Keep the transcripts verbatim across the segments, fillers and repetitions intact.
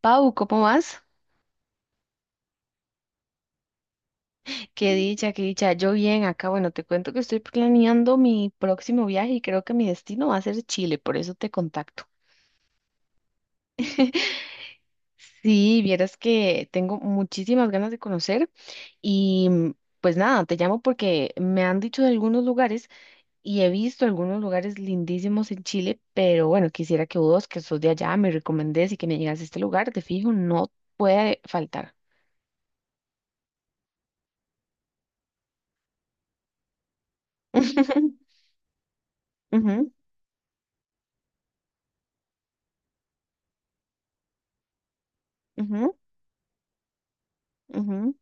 Pau, ¿cómo vas? Qué dicha, qué dicha. Yo bien acá. Bueno, te cuento que estoy planeando mi próximo viaje y creo que mi destino va a ser Chile, por eso te contacto. Sí, vieras que tengo muchísimas ganas de conocer y mm, pues nada, te llamo porque me han dicho de algunos lugares y he visto algunos lugares lindísimos en Chile, pero bueno, quisiera que vos, que sos de allá, me recomendés y que me llegas a este lugar, de fijo, no puede faltar. Ujú, ujú, ujú,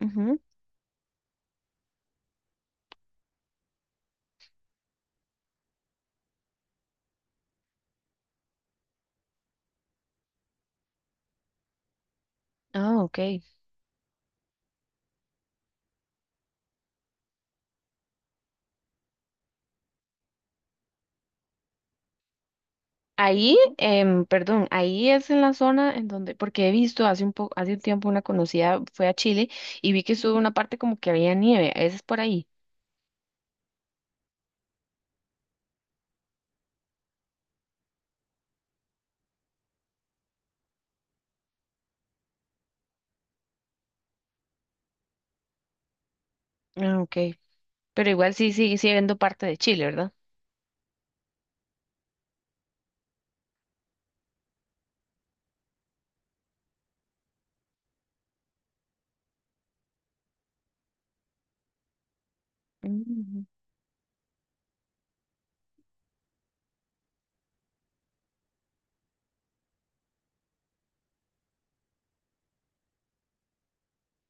ujú. Ah, ok. Ahí, em, perdón, ahí es en la zona en donde, porque he visto hace un poco, hace un tiempo una conocida fue a Chile y vi que estuvo una parte como que había nieve, esa es por ahí. Ah, ok. Pero igual sí sigue siendo parte de Chile, ¿verdad? Mm,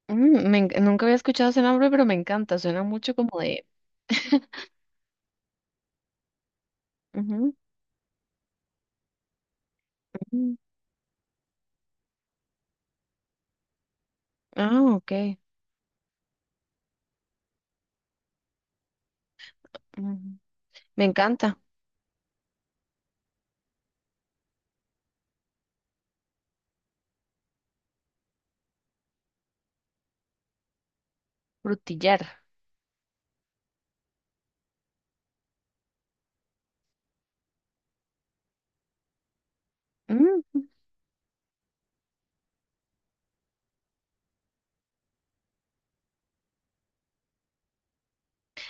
mm, me enc- nunca había escuchado ese nombre, pero me encanta, suena mucho como de... ujú, ujú. Ah, ok. Ujú. Me encanta, Frutillar. Mm,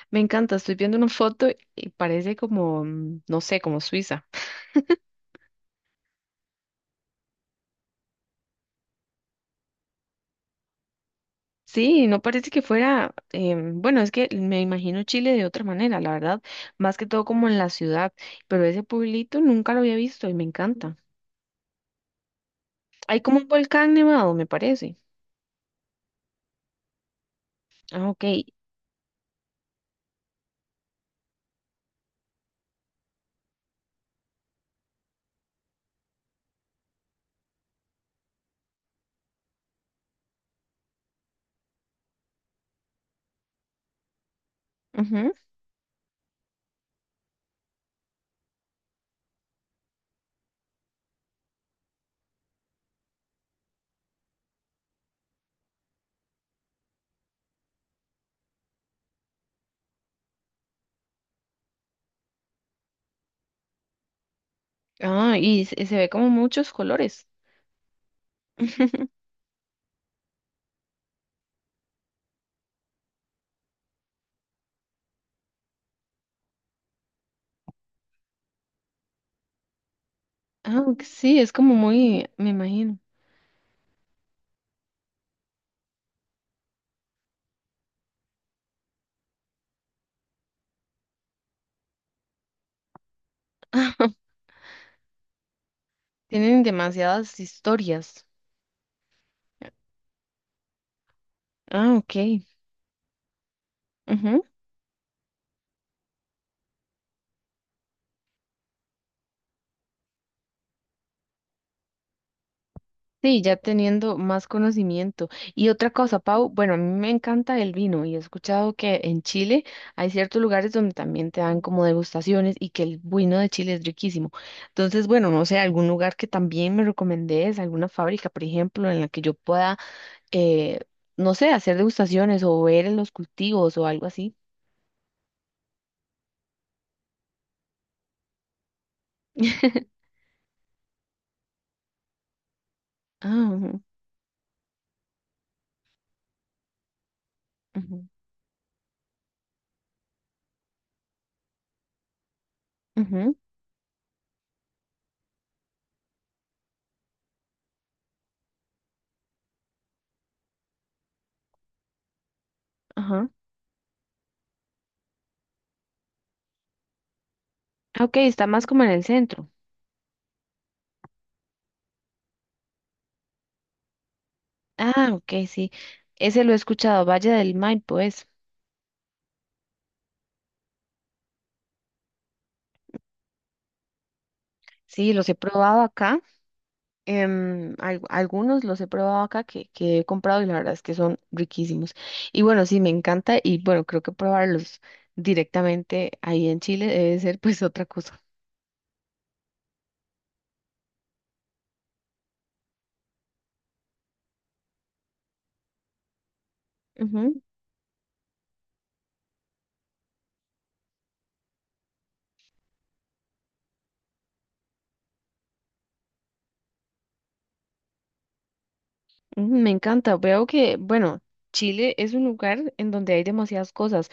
me encanta, estoy viendo una foto y parece como, mm, no sé, como Suiza. Sí, no parece que fuera, em, bueno, es que me imagino Chile de otra manera, la verdad, más que todo como en la ciudad, pero ese pueblito nunca lo había visto y me encanta. Hay como un volcán nevado, me parece. Ah, ok. Ujú. Ah, y se, se ve como muchos colores. Ah, ok, sí, es como muy, me imagino. Tienen demasiadas historias. Ah, ok. Ujú. Sí, ya teniendo más conocimiento. Y otra cosa, Pau, bueno, a mí me encanta el vino y he escuchado que en Chile hay ciertos lugares donde también te dan como degustaciones y que el vino de Chile es riquísimo. Entonces, bueno, no sé, algún lugar que también me recomendés, alguna fábrica, por ejemplo, en la que yo pueda, eh, no sé, hacer degustaciones o ver en los cultivos o algo así. Ah, ujú, ujú, ujú, ajá. Ah, ok, está más como en el centro. Ah, ok, sí. Ese lo he escuchado, Valle del Maipo, es. Sí, los he probado acá. em, al- algunos los he probado acá que, que he comprado y la verdad es que son riquísimos. Y bueno, sí, me encanta y bueno, creo que probarlos directamente ahí en Chile debe ser pues otra cosa. Ujú, ujú, me encanta. Veo que, bueno, Chile es un lugar en donde hay demasiadas cosas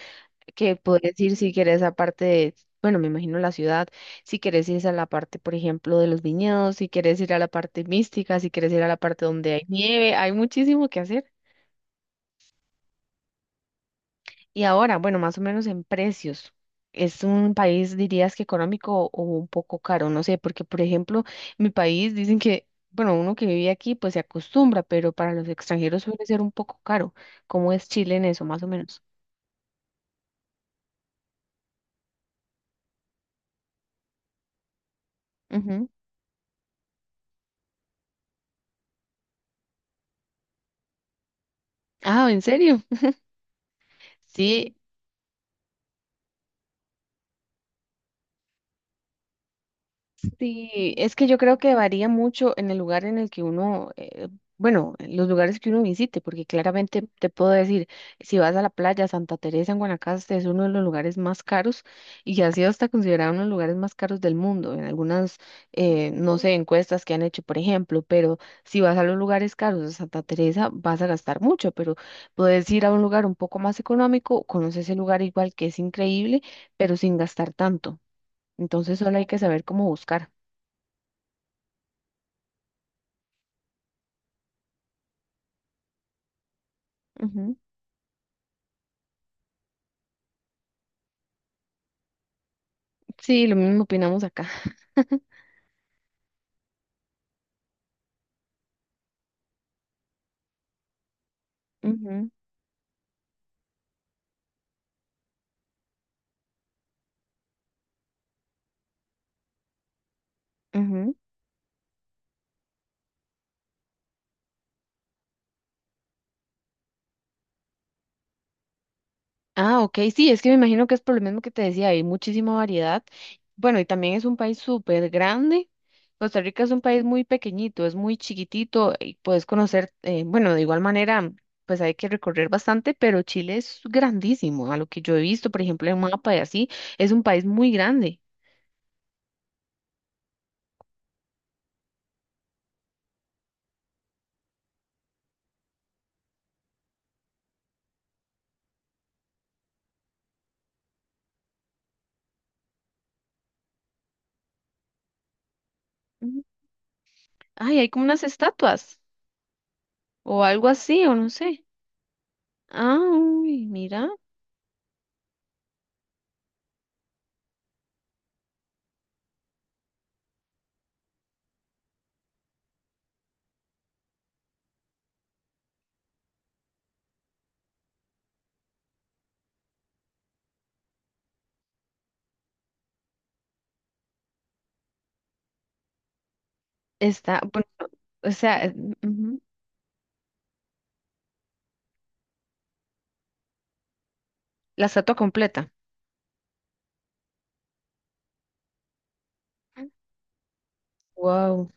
que puedes ir si quieres a parte de, bueno, me imagino la ciudad, si quieres ir a la parte, por ejemplo, de los viñedos, si quieres ir a la parte mística, si quieres ir a la parte donde hay nieve, hay muchísimo que hacer. Y ahora, bueno, más o menos en precios. Es un país, dirías que económico o un poco caro, no sé, porque por ejemplo, mi país dicen que, bueno, uno que vive aquí pues se acostumbra, pero para los extranjeros suele ser un poco caro. ¿Cómo es Chile en eso, más o menos? Ujú. Ah, ¿en serio? Sí, sí, es que yo creo que varía mucho en el lugar en el que uno, eh, bueno, en los lugares que uno visite, porque claramente te puedo decir, si vas a la playa Santa Teresa en Guanacaste es uno de los lugares más caros y ha sido hasta considerado uno de los lugares más caros del mundo en algunas, eh, no sé, encuestas que han hecho, por ejemplo, pero si vas a los lugares caros de Santa Teresa vas a gastar mucho, pero puedes ir a un lugar un poco más económico, conoces el lugar igual que es increíble, pero sin gastar tanto. Entonces solo hay que saber cómo buscar. Ujú. Sí, lo mismo opinamos acá. Ujú, ujú. Ah, ok, sí, es que me imagino que es por lo mismo que te decía, hay muchísima variedad. Bueno, y también es un país súper grande. Costa Rica es un país muy pequeñito, es muy chiquitito y puedes conocer, eh, bueno, de igual manera, pues hay que recorrer bastante, pero Chile es grandísimo, a lo que yo he visto, por ejemplo, en un mapa y así, es un país muy grande. Ujú. Ay, hay como unas estatuas o algo así, o no sé. Ah, uy, mira. Está, bueno, o sea, eh, ujú, la estatua completa. Wow.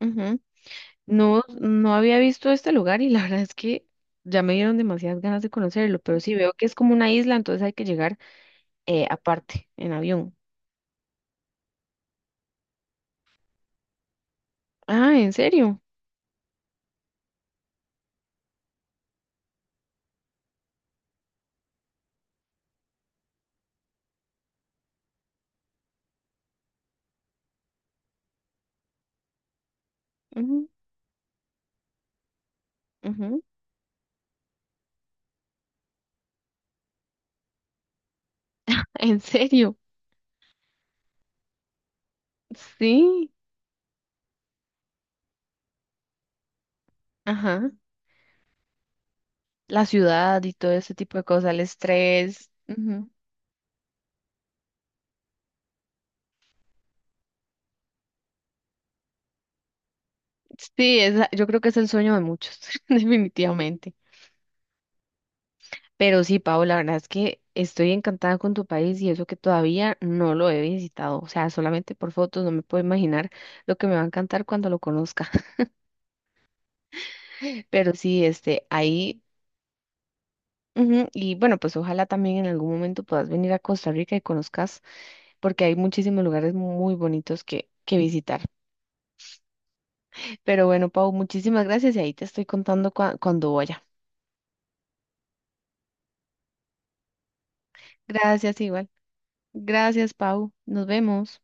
Ujú. No, no había visto este lugar y la verdad es que ya me dieron demasiadas ganas de conocerlo, pero sí veo que es como una isla, entonces hay que llegar eh, aparte, en avión. Ah, ¿en serio? Ujú, ujú. ¿En serio? Sí. Ajá. La ciudad y todo ese tipo de cosas, el estrés. Ujú. Sí, esa- yo creo que es el sueño de muchos, definitivamente. Pero sí, Pau, la verdad es que estoy encantada con tu país y eso que todavía no lo he visitado. O sea, solamente por fotos no me puedo imaginar lo que me va a encantar cuando lo conozca. Pero sí, este, ahí, ujú, y bueno, pues ojalá también en algún momento puedas venir a Costa Rica y conozcas, porque hay muchísimos lugares muy bonitos que, que visitar. Pero bueno, Pau, muchísimas gracias y ahí te estoy contando. Gracias, gracias igual, Gracias, Pau. Nos vemos.